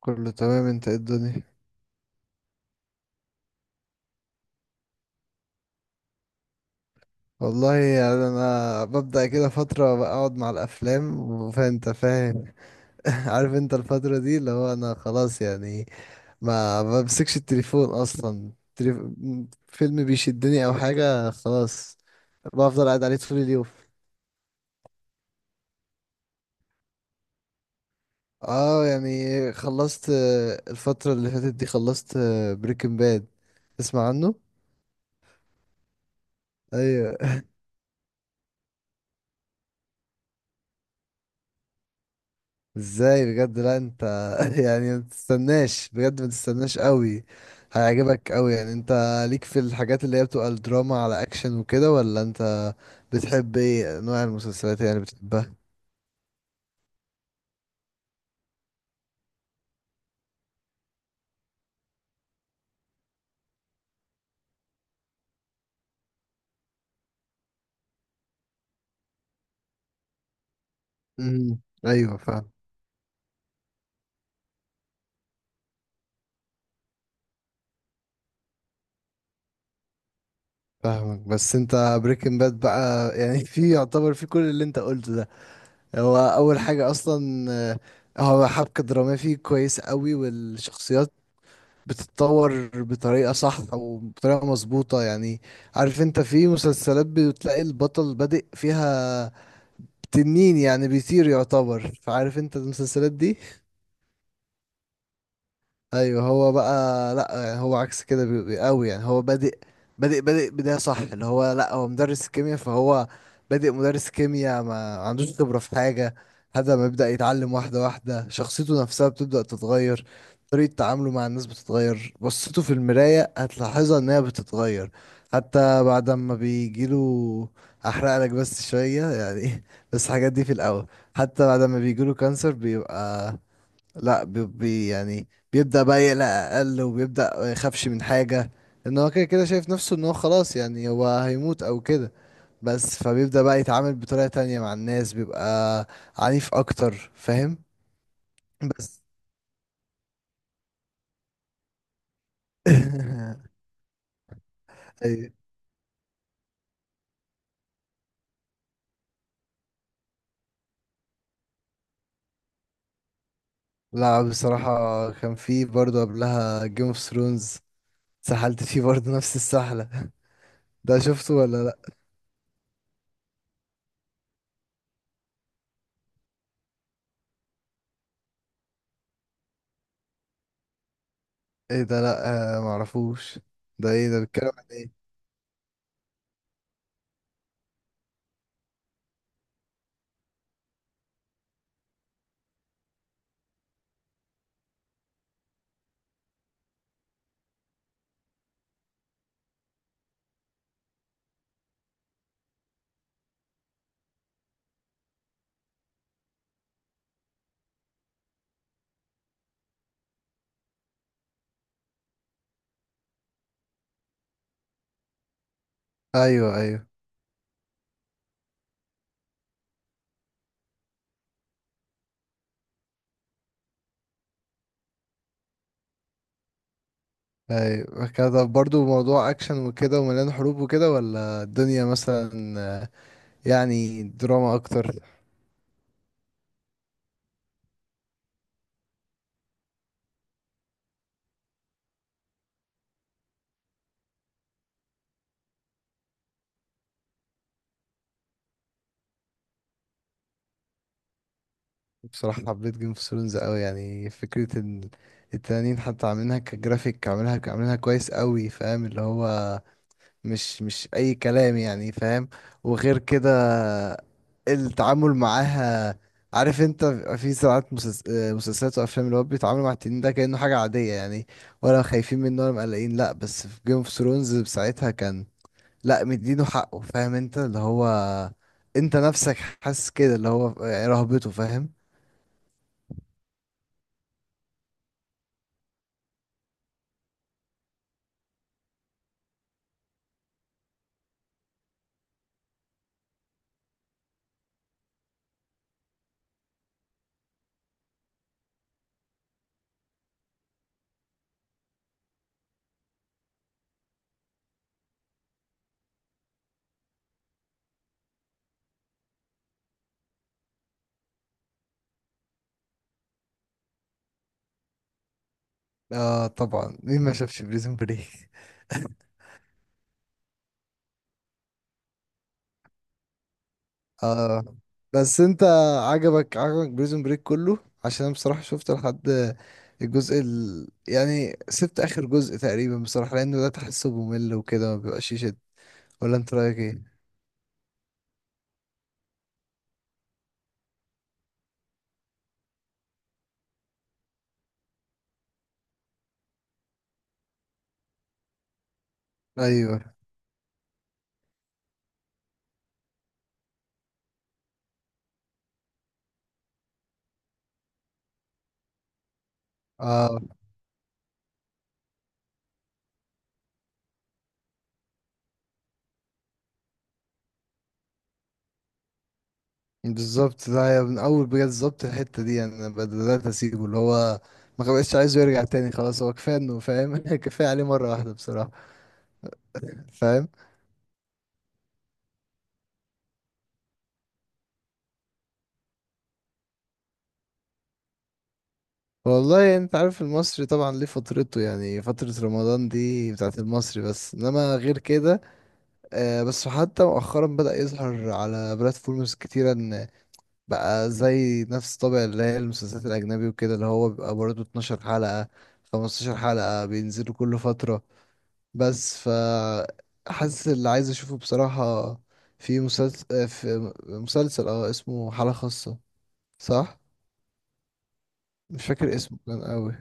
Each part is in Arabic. كله تمام، انت ايه الدنيا؟ والله يعني انا ببدأ كده فترة بقعد مع الافلام وفانت فاهم. عارف انت الفترة دي اللي هو انا خلاص يعني ما بمسكش التليفون اصلا، فيلم بيشدني او حاجة خلاص بفضل قاعد عليه طول اليوم. اه يعني خلصت، الفترة اللي فاتت دي خلصت. بريكنج باد، تسمع عنه؟ ايوه. ازاي؟ بجد لا انت يعني ما تستناش، بجد ما تستناش قوي، هيعجبك قوي. يعني انت ليك في الحاجات اللي هي بتبقى الدراما على اكشن وكده، ولا انت بتحب ايه؟ نوع المسلسلات يعني بتحبها. امم ايوه فاهم. فاهمك، بس انت بريكنج باد بقى يعني في، يعتبر في كل اللي انت قلته ده. هو اول حاجة اصلا، هو حبكة درامية فيه كويس قوي، والشخصيات بتتطور بطريقة صح أو بطريقة مظبوطة يعني. عارف أنت في مسلسلات بتلاقي البطل بادئ فيها تنين، يعني بيطير يعتبر، فعارف أنت المسلسلات دي. ايوه هو بقى لا، يعني هو عكس كده، قوي يعني، هو بادئ بادئ بداية صح، اللي هو لا هو مدرس كيمياء، فهو بادئ مدرس كيمياء ما عندوش خبرة في حاجة. هذا ما يبدأ يتعلم واحدة واحدة، شخصيته نفسها بتبدأ تتغير، طريقة تعامله مع الناس بتتغير، بصته في المراية هتلاحظها انها بتتغير. حتى بعد ما بيجيله، احرق لك بس شوية يعني بس الحاجات دي في الاول. حتى بعد ما بيجيله كانسر بيبقى لا، يعني بيبدأ بقى يقلق أقل، وبيبدأ ما يخافش من حاجة، إن هو كده كده شايف نفسه إن هو خلاص، يعني هو هيموت أو كده. بس فبيبدأ بقى يتعامل بطريقة تانية مع الناس، بيبقى عنيف أكتر فاهم. بس أي- لا بصراحة كان في برضه قبلها جيم اوف ثرونز، سحلت فيه برضه نفس السحلة ده شفته ولا لأ؟ ايه ده؟ لأ، معرفوش. ده ايه ده؟ بيتكلم عن ايه؟ أيوه أيوه. ايوه كده برضو، موضوع اكشن وكده ومليان حروب وكده، ولا الدنيا مثلا، آه، يعني دراما اكتر؟ بصراحة حبيت جيم اوف ثرونز قوي، يعني فكرة ان التنانين حتى عاملينها كجرافيك، عاملينها كويس قوي، فاهم اللي هو مش اي كلام يعني، فاهم. وغير كده التعامل معاها، عارف انت بيبقى في ساعات مسلسلات وافلام اللي هو بيتعاملوا مع التنين ده كأنه حاجة عادية يعني، ولا خايفين منه ولا مقلقين، لا بس في جيم اوف ثرونز ساعتها كان لا، مدينه حقه فاهم انت اللي هو، انت نفسك حاسس كده اللي هو، رهبته فاهم. اه طبعا، مين ما شافش بريزون بريك؟ اه بس انت عجبك بريزون بريك كله؟ عشان انا بصراحة شفت لحد الجزء ال... يعني سبت اخر جزء تقريبا بصراحة، لانه ده تحسه ممل وكده، ما بيبقاش يشد، ولا انت رايك ايه؟ ايوه اه بالظبط، ده يا من اول بجد بالظبط الحتة دي، يعني انا بدأت اسيبه، اللي هو ما بقتش عايزه يرجع تاني خلاص، هو كفاية انه فاهم كفاية عليه مرة واحدة بصراحة، فاهم. والله انت عارف المصري طبعا ليه فترته، يعني فترة رمضان دي بتاعت المصري، بس انما غير كده، بس حتى مؤخرا بدأ يظهر على بلاتفورمز كتيرة، ان بقى زي نفس طابع اللي هي المسلسلات الأجنبي وكده، اللي هو بيبقى برضه 12 حلقة، 15 حلقة بينزلوا كل فترة. بس ف حاسس اللي عايز اشوفه بصراحة، في مسلسل، في مسلسل اه اسمه حالة خاصة، صح؟ مش فاكر اسمه، كان قوي.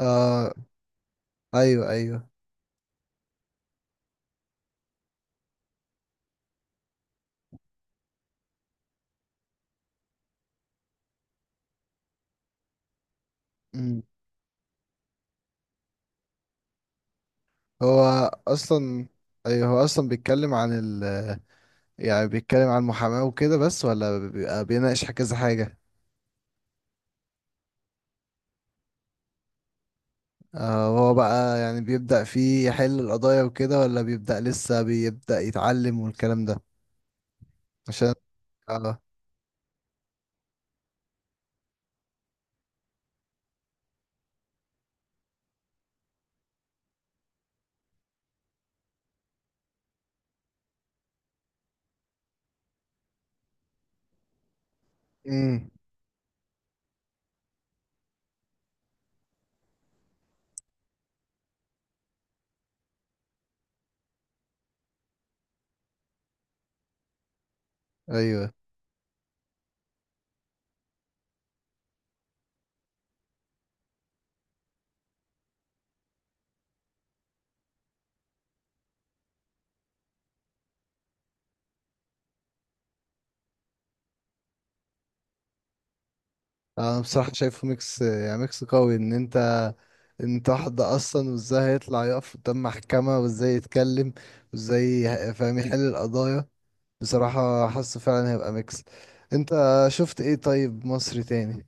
اه ايوه ايوه. هو اصلا، ايوه هو اصلا بيتكلم عن ال، يعني بيتكلم عن المحاماة وكده بس، ولا بيبقى بيناقش كذا حاجة؟ آه هو بقى يعني بيبدأ فيه يحل القضايا وكده، ولا بيبدأ لسه بيبدأ يتعلم والكلام ده؟ عشان اه. امم ايوه، انا بصراحة شايفه ميكس، يعني ميكس قوي ان انت، انت واحدة اصلا وازاي هيطلع يقف قدام محكمة، وازاي يتكلم، فاهم يحل القضايا، بصراحة حاسه فعلا هيبقى ميكس. انت شفت ايه طيب مصري تاني؟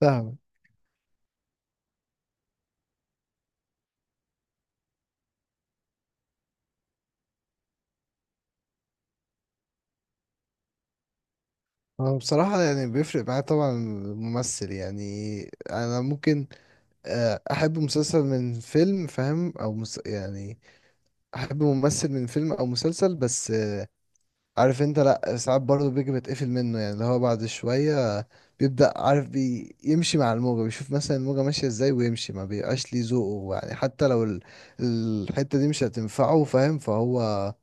فاهمك. هو بصراحة يعني بيفرق معايا طبعا الممثل، يعني أنا ممكن، أحب مسلسل من فيلم فاهم، يعني أحب ممثل من فيلم أو مسلسل، بس عارف أنت لأ ساعات برضه بيجي بتقفل منه، يعني اللي هو بعد شوية بيبدأ عارف يمشي مع الموجة، بيشوف مثلا الموجة ماشية ازاي ويمشي، ما بيبقاش ليه ذوقه يعني، حتى لو ال... الحتة دي مش هتنفعه فاهم، فهو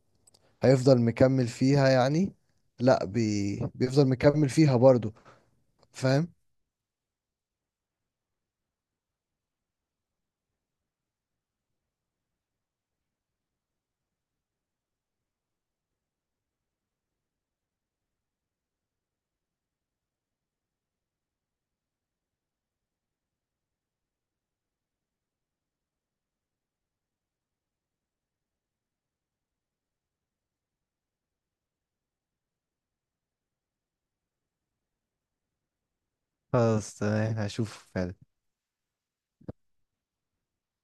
هيفضل مكمل فيها يعني، لا بيفضل مكمل فيها برضو، فاهم. خلاص تمام، هشوف فعلا.